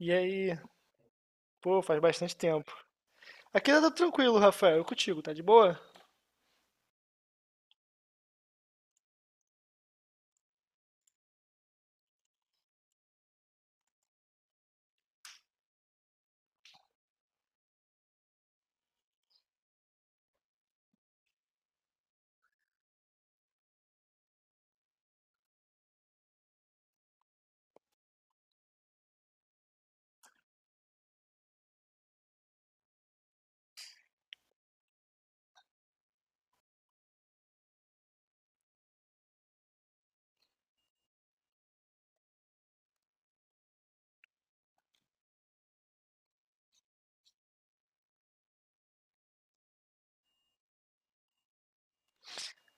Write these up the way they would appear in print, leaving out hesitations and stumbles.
E aí? Pô, faz bastante tempo. Aqui tá tudo tranquilo, Rafael. Eu contigo, tá de boa?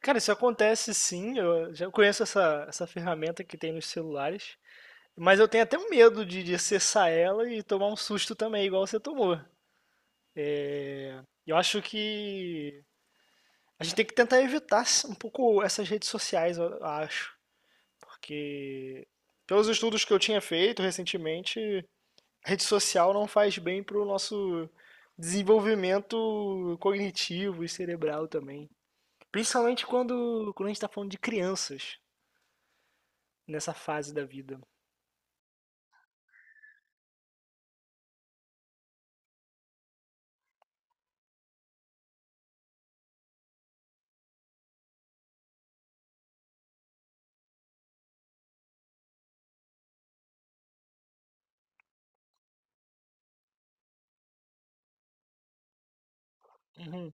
Cara, isso acontece sim. Eu já conheço essa ferramenta que tem nos celulares. Mas eu tenho até um medo de acessar ela e tomar um susto também, igual você tomou. E eu acho que a gente tem que tentar evitar um pouco essas redes sociais, eu acho. Porque, pelos estudos que eu tinha feito recentemente, rede social não faz bem pro nosso desenvolvimento cognitivo e cerebral também. Principalmente quando a gente tá falando de crianças nessa fase da vida. Uhum.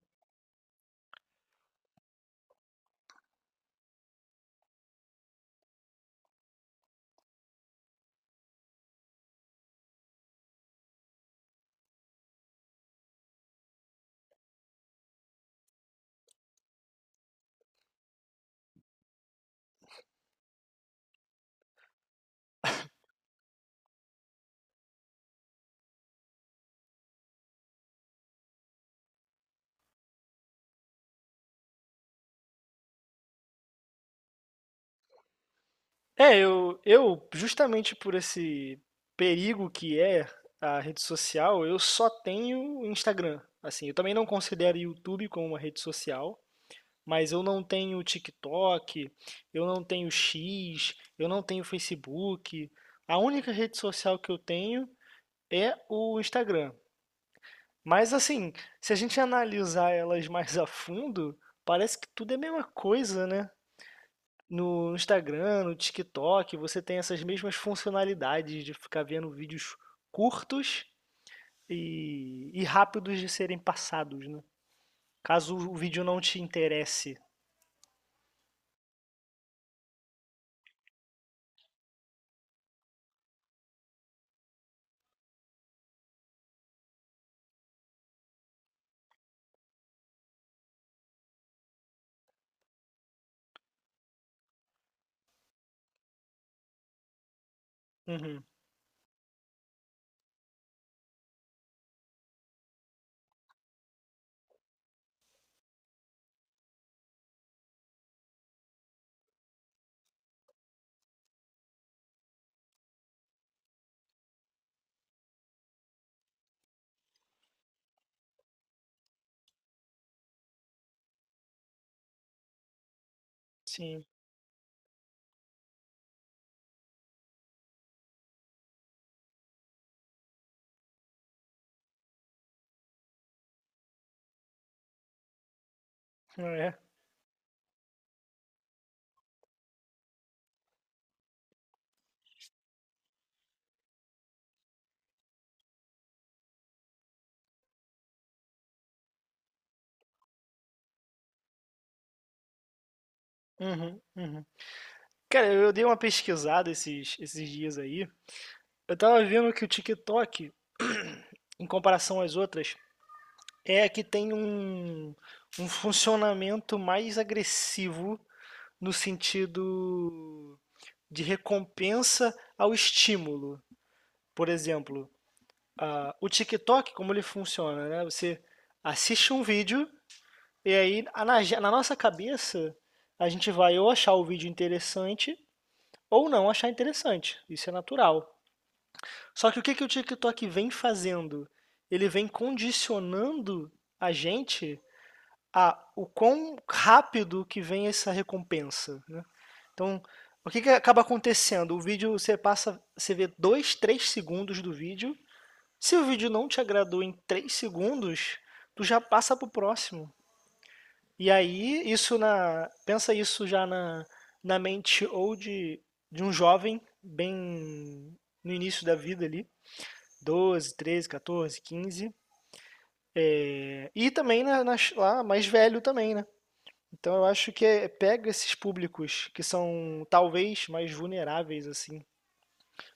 É, justamente por esse perigo que é a rede social, eu só tenho Instagram. Assim, eu também não considero YouTube como uma rede social, mas eu não tenho TikTok, eu não tenho X, eu não tenho Facebook. A única rede social que eu tenho é o Instagram. Mas assim, se a gente analisar elas mais a fundo, parece que tudo é a mesma coisa, né? No Instagram, no TikTok, você tem essas mesmas funcionalidades de ficar vendo vídeos curtos e rápidos de serem passados, né? Caso o vídeo não te interesse. Uhum, sim, é. Uhum, uhum. Cara, eu dei uma pesquisada esses dias aí. Eu tava vendo que o TikTok, em comparação às outras, é que tem um, um funcionamento mais agressivo no sentido de recompensa ao estímulo. Por exemplo, o TikTok, como ele funciona, né? Você assiste um vídeo e aí na nossa cabeça a gente vai ou achar o vídeo interessante ou não achar interessante. Isso é natural. Só que o que que o TikTok vem fazendo? Ele vem condicionando a gente a o quão rápido que vem essa recompensa, né? Então, o que que acaba acontecendo? O vídeo você passa, você vê 2, 3 segundos do vídeo. Se o vídeo não te agradou em 3 segundos, tu já passa pro próximo. E aí, isso pensa isso já na mente ou de um jovem bem no início da vida ali, 12, 13, 14, 15 é, e também lá mais velho também, né? Então eu acho que é- pega esses públicos que são talvez mais vulneráveis assim,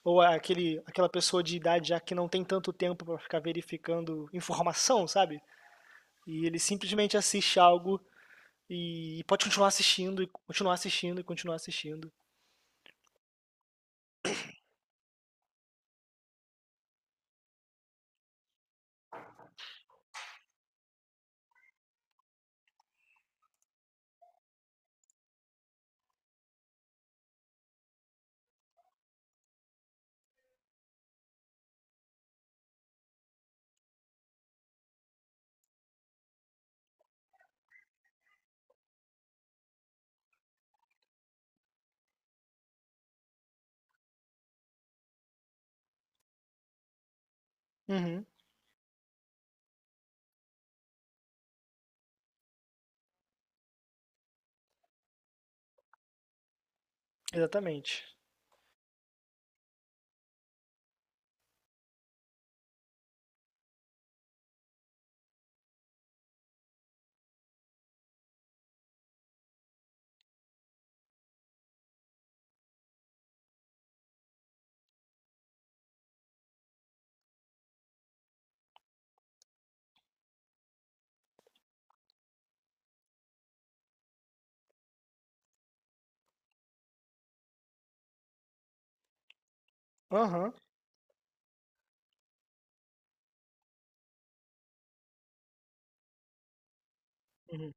ou aquele aquela pessoa de idade já que não tem tanto tempo para ficar verificando informação, sabe? E ele simplesmente assiste algo e pode continuar assistindo e continuar assistindo e continuar assistindo. Uhum, exatamente. Aham. Uhum,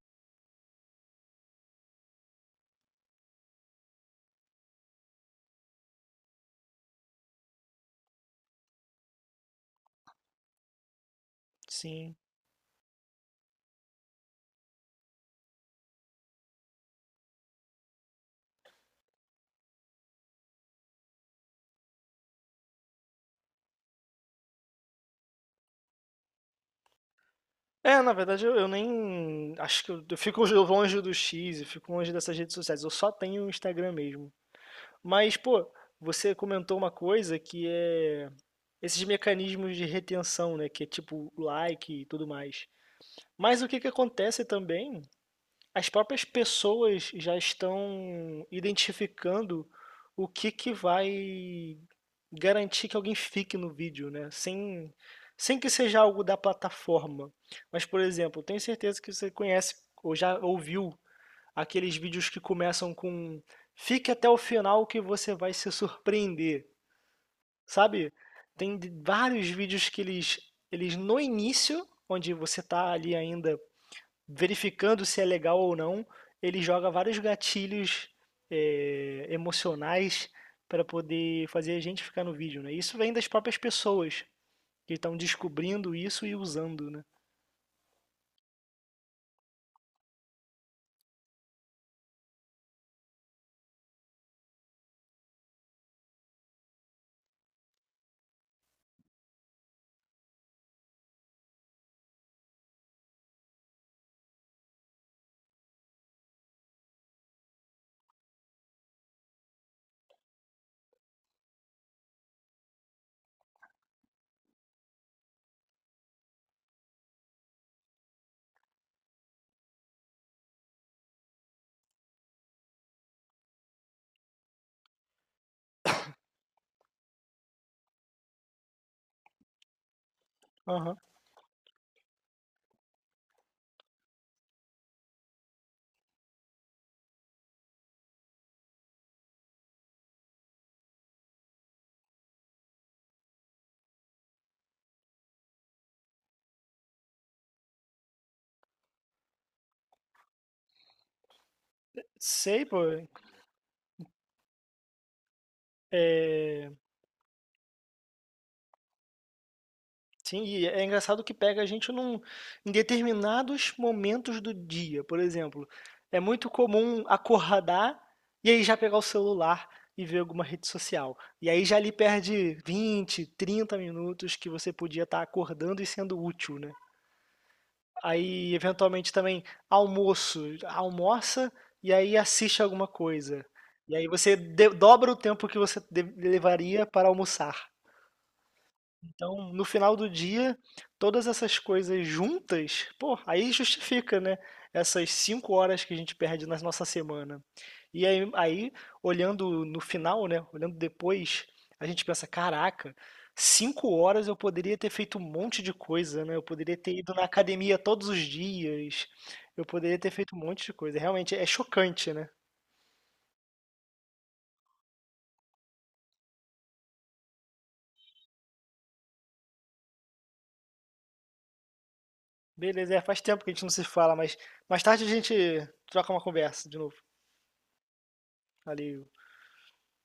sim. É, na verdade eu nem acho que eu fico longe do X, eu fico longe dessas redes sociais. Eu só tenho o Instagram mesmo. Mas, pô, você comentou uma coisa que é esses mecanismos de retenção, né? Que é tipo like e tudo mais. Mas o que que acontece também? As próprias pessoas já estão identificando o que que vai garantir que alguém fique no vídeo, né? Sem que seja algo da plataforma. Mas, por exemplo, tenho certeza que você conhece ou já ouviu aqueles vídeos que começam com fique até o final que você vai se surpreender, sabe? Tem de- vários vídeos que eles no início, onde você está ali ainda verificando se é legal ou não, ele joga vários gatilhos emocionais para poder fazer a gente ficar no vídeo, né? Isso vem das próprias pessoas que estão descobrindo isso e usando, né? Aham. Sei, pô. É, sim, e é engraçado que pega a gente num, em determinados momentos do dia. Por exemplo, é muito comum acordar e aí já pegar o celular e ver alguma rede social. E aí já ali perde 20, 30 minutos que você podia estar acordando e sendo útil, né? Aí, eventualmente, também almoço. Almoça e aí assiste alguma coisa. E aí você de- dobra o tempo que você de- levaria para almoçar. Então, no final do dia, todas essas coisas juntas, pô, aí justifica, né? Essas 5 horas que a gente perde na nossa semana. E aí, aí, olhando no final, né? Olhando depois, a gente pensa, caraca, 5 horas eu poderia ter feito um monte de coisa, né? Eu poderia ter ido na academia todos os dias, eu poderia ter feito um monte de coisa. Realmente é chocante, né? Beleza, é, faz tempo que a gente não se fala, mas mais tarde a gente troca uma conversa de novo. Valeu.